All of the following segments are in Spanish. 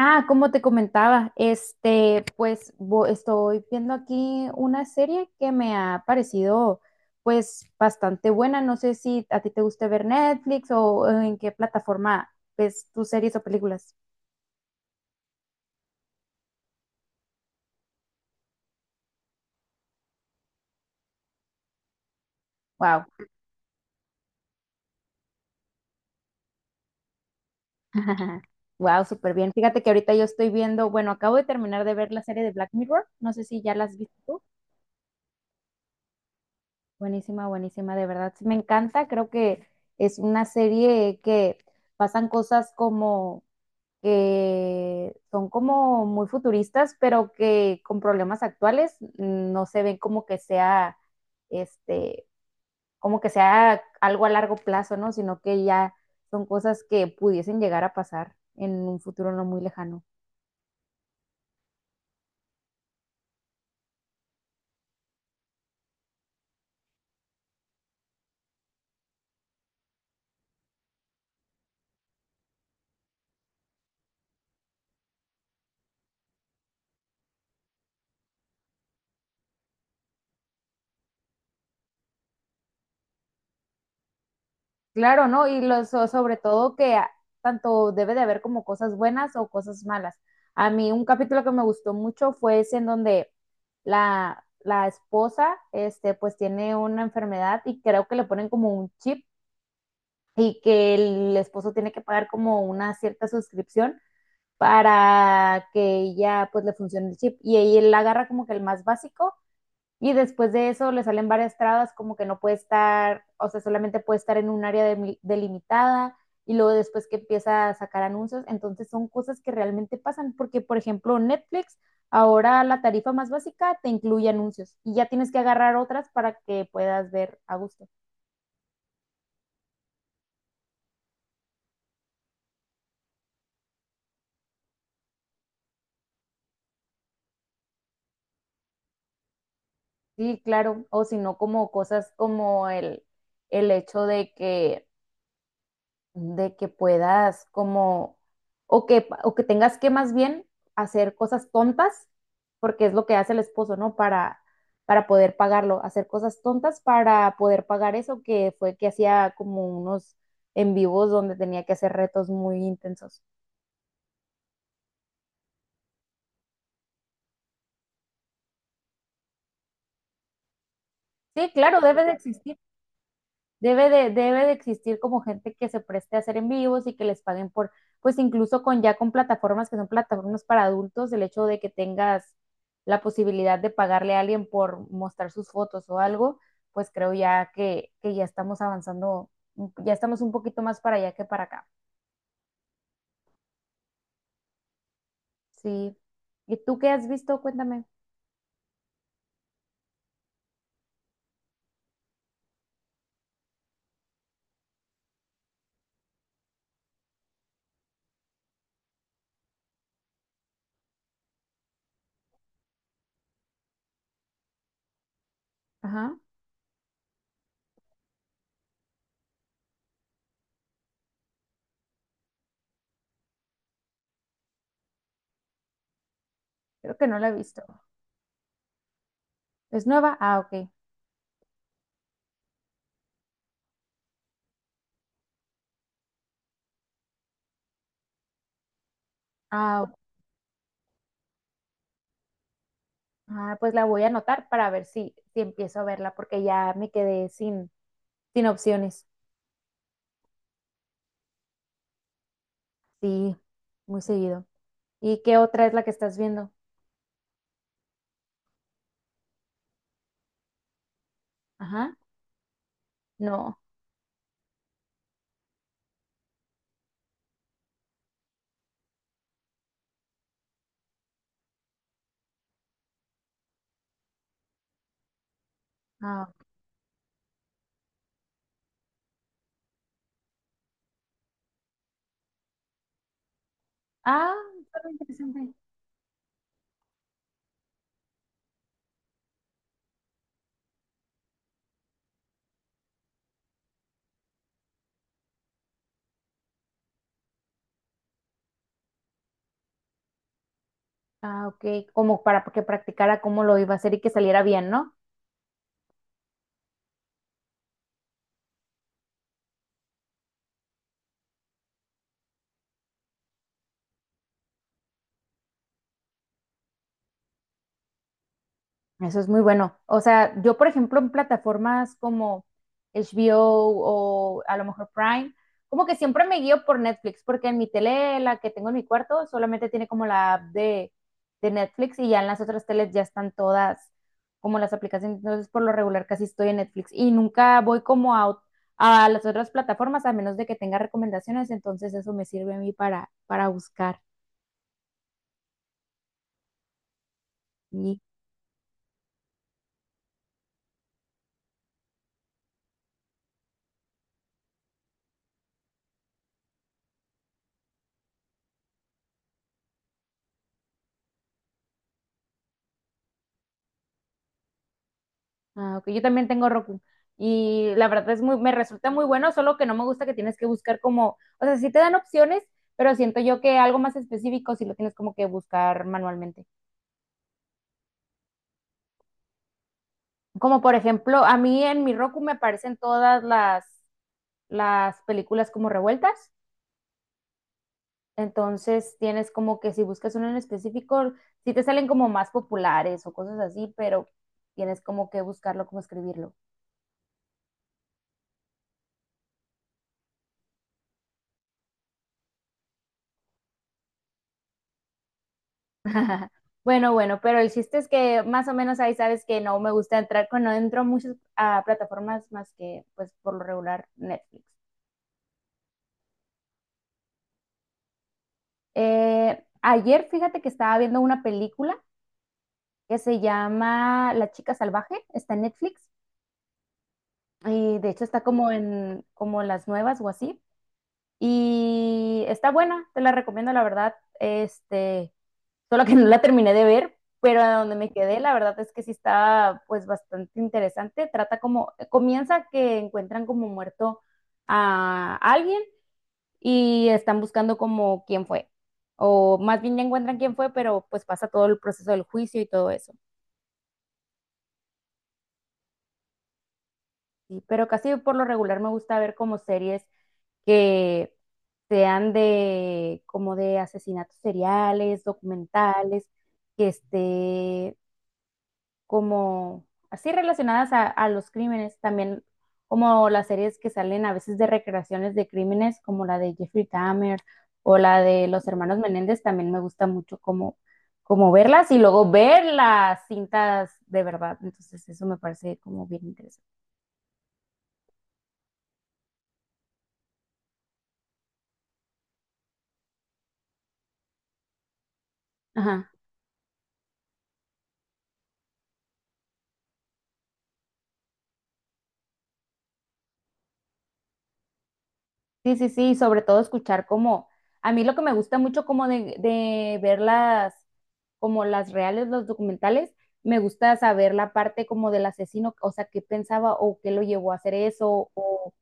Ah, como te comentaba, estoy viendo aquí una serie que me ha parecido pues bastante buena. No sé si a ti te gusta ver Netflix o en qué plataforma ves tus series o películas. Wow. Wow, súper bien. Fíjate que ahorita yo estoy viendo, bueno, acabo de terminar de ver la serie de Black Mirror. No sé si ya la has visto tú. Buenísima, buenísima, de verdad. Sí, me encanta. Creo que es una serie que pasan cosas como que son como muy futuristas, pero que con problemas actuales no se ven como que sea, este, como que sea algo a largo plazo, ¿no? Sino que ya son cosas que pudiesen llegar a pasar en un futuro no muy lejano. Claro, ¿no? Sobre todo. Tanto debe de haber como cosas buenas o cosas malas. A mí un capítulo que me gustó mucho fue ese en donde la esposa, pues tiene una enfermedad y creo que le ponen como un chip y que el esposo tiene que pagar como una cierta suscripción para que ella pues le funcione el chip y ella la agarra como que el más básico y después de eso le salen varias trabas, como que no puede estar, o sea, solamente puede estar en un delimitada y luego después que empieza a sacar anuncios. Entonces son cosas que realmente pasan, porque por ejemplo Netflix, ahora la tarifa más básica te incluye anuncios y ya tienes que agarrar otras para que puedas ver a gusto. Sí, claro, o si no como cosas como el hecho de que puedas como, o que tengas que más bien hacer cosas tontas, porque es lo que hace el esposo, ¿no? Para poder pagarlo, hacer cosas tontas para poder pagar eso, que fue que hacía como unos en vivos donde tenía que hacer retos muy intensos. Sí, claro, debe de existir. Debe de existir como gente que se preste a hacer en vivos y que les paguen por, pues incluso con ya con plataformas que son plataformas para adultos, el hecho de que tengas la posibilidad de pagarle a alguien por mostrar sus fotos o algo, pues creo ya que ya estamos avanzando, ya estamos un poquito más para allá que para acá. Sí. ¿Y tú qué has visto? Cuéntame. Ajá. Creo que no la he visto. ¿Es nueva? Ah, ok. Ah, ok. Ah, pues la voy a anotar para ver si empiezo a verla, porque ya me quedé sin. Sin opciones. Sí, muy seguido. ¿Y qué otra es la que estás viendo? Ajá. No. Ah, ah, está muy interesante. Ah, ok. Como para que practicara cómo lo iba a hacer y que saliera bien, ¿no? Eso es muy bueno. O sea, yo, por ejemplo, en plataformas como HBO o a lo mejor Prime, como que siempre me guío por Netflix, porque en mi tele, la que tengo en mi cuarto, solamente tiene como la app de Netflix y ya en las otras teles ya están todas como las aplicaciones. Entonces, por lo regular, casi estoy en Netflix y nunca voy como a las otras plataformas, a menos de que tenga recomendaciones. Entonces, eso me sirve a mí para buscar. Ah, ok, yo también tengo Roku. Y la verdad es muy, me resulta muy bueno, solo que no me gusta que tienes que buscar como, o sea, sí te dan opciones, pero siento yo que algo más específico sí lo tienes como que buscar manualmente. Como por ejemplo, a mí en mi Roku me aparecen todas las películas como revueltas. Entonces tienes como que si buscas uno en específico, sí te salen como más populares o cosas así, pero tienes como que buscarlo, como escribirlo. Bueno, bueno, pero el chiste es que más o menos ahí sabes que no me gusta entrar, cuando entro a muchas plataformas más que pues por lo regular Netflix. Ayer fíjate que estaba viendo una película que se llama La Chica Salvaje, está en Netflix y de hecho está como en como en las nuevas o así y está buena, te la recomiendo la verdad. Solo que no la terminé de ver, pero a donde me quedé, la verdad es que sí está pues bastante interesante. Trata como, comienza que encuentran como muerto a alguien y están buscando como quién fue. O más bien ya encuentran quién fue, pero pues pasa todo el proceso del juicio y todo eso. Sí, pero casi por lo regular me gusta ver como series que sean de como de asesinatos seriales, documentales, que esté como así relacionadas a los crímenes, también como las series que salen a veces de recreaciones de crímenes, como la de Jeffrey Dahmer o la de los hermanos Menéndez, también me gusta mucho como, como verlas y luego ver las cintas de verdad. Entonces eso me parece como bien interesante. Ajá. Sí, sí, sí, y sobre todo escuchar como, a mí lo que me gusta mucho como de ver las, como las reales, los documentales, me gusta saber la parte como del asesino, o sea, qué pensaba o qué lo llevó a hacer eso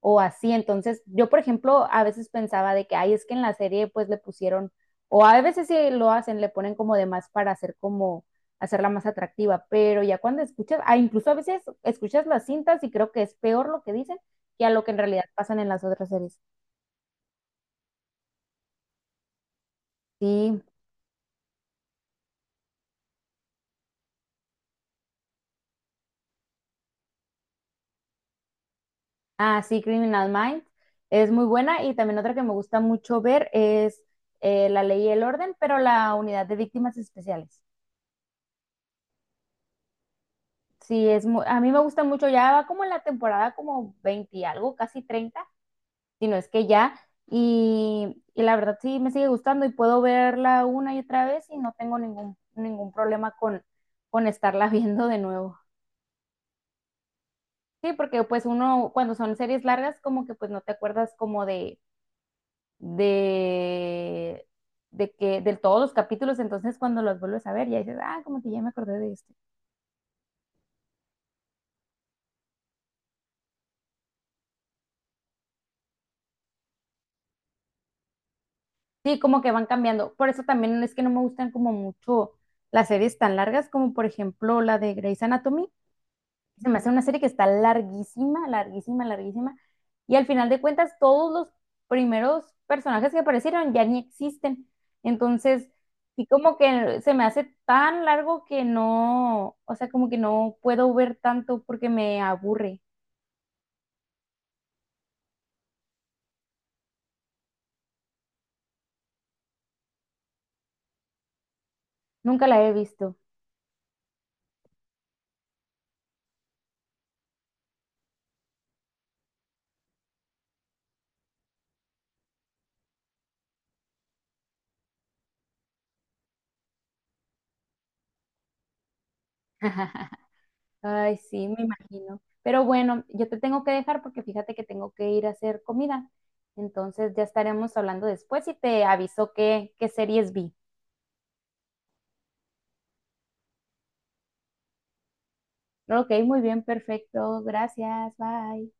o así. Entonces, yo, por ejemplo, a veces pensaba de que, ay, es que en la serie pues le pusieron, o a veces sí lo hacen, le ponen como de más para hacer como, hacerla más atractiva, pero ya cuando escuchas, ah, incluso a veces escuchas las cintas y creo que es peor lo que dicen que a lo que en realidad pasan en las otras series. Sí, ah, sí, Criminal Minds es muy buena y también otra que me gusta mucho ver es La Ley y el Orden, pero la Unidad de Víctimas Especiales. Sí, es a mí me gusta mucho, ya va como en la temporada como 20 y algo, casi 30. Si no es que ya, y la verdad sí me sigue gustando y puedo verla una y otra vez y no tengo ningún problema con estarla viendo de nuevo. Sí, porque pues uno cuando son series largas como que pues no te acuerdas como de, de que de todos los capítulos, entonces cuando los vuelves a ver ya dices, ah, como que ya me acordé de esto. Sí, como que van cambiando. Por eso también es que no me gustan como mucho las series tan largas como por ejemplo la de Grey's Anatomy. Se me hace una serie que está larguísima, larguísima, larguísima. Y al final de cuentas, todos los primeros personajes que aparecieron ya ni existen. Entonces, sí como que se me hace tan largo que no, o sea, como que no puedo ver tanto porque me aburre. Nunca la he visto. Ay, sí, me imagino. Pero bueno, yo te tengo que dejar porque fíjate que tengo que ir a hacer comida. Entonces ya estaremos hablando después y te aviso qué series vi. Ok, muy bien, perfecto. Gracias, bye.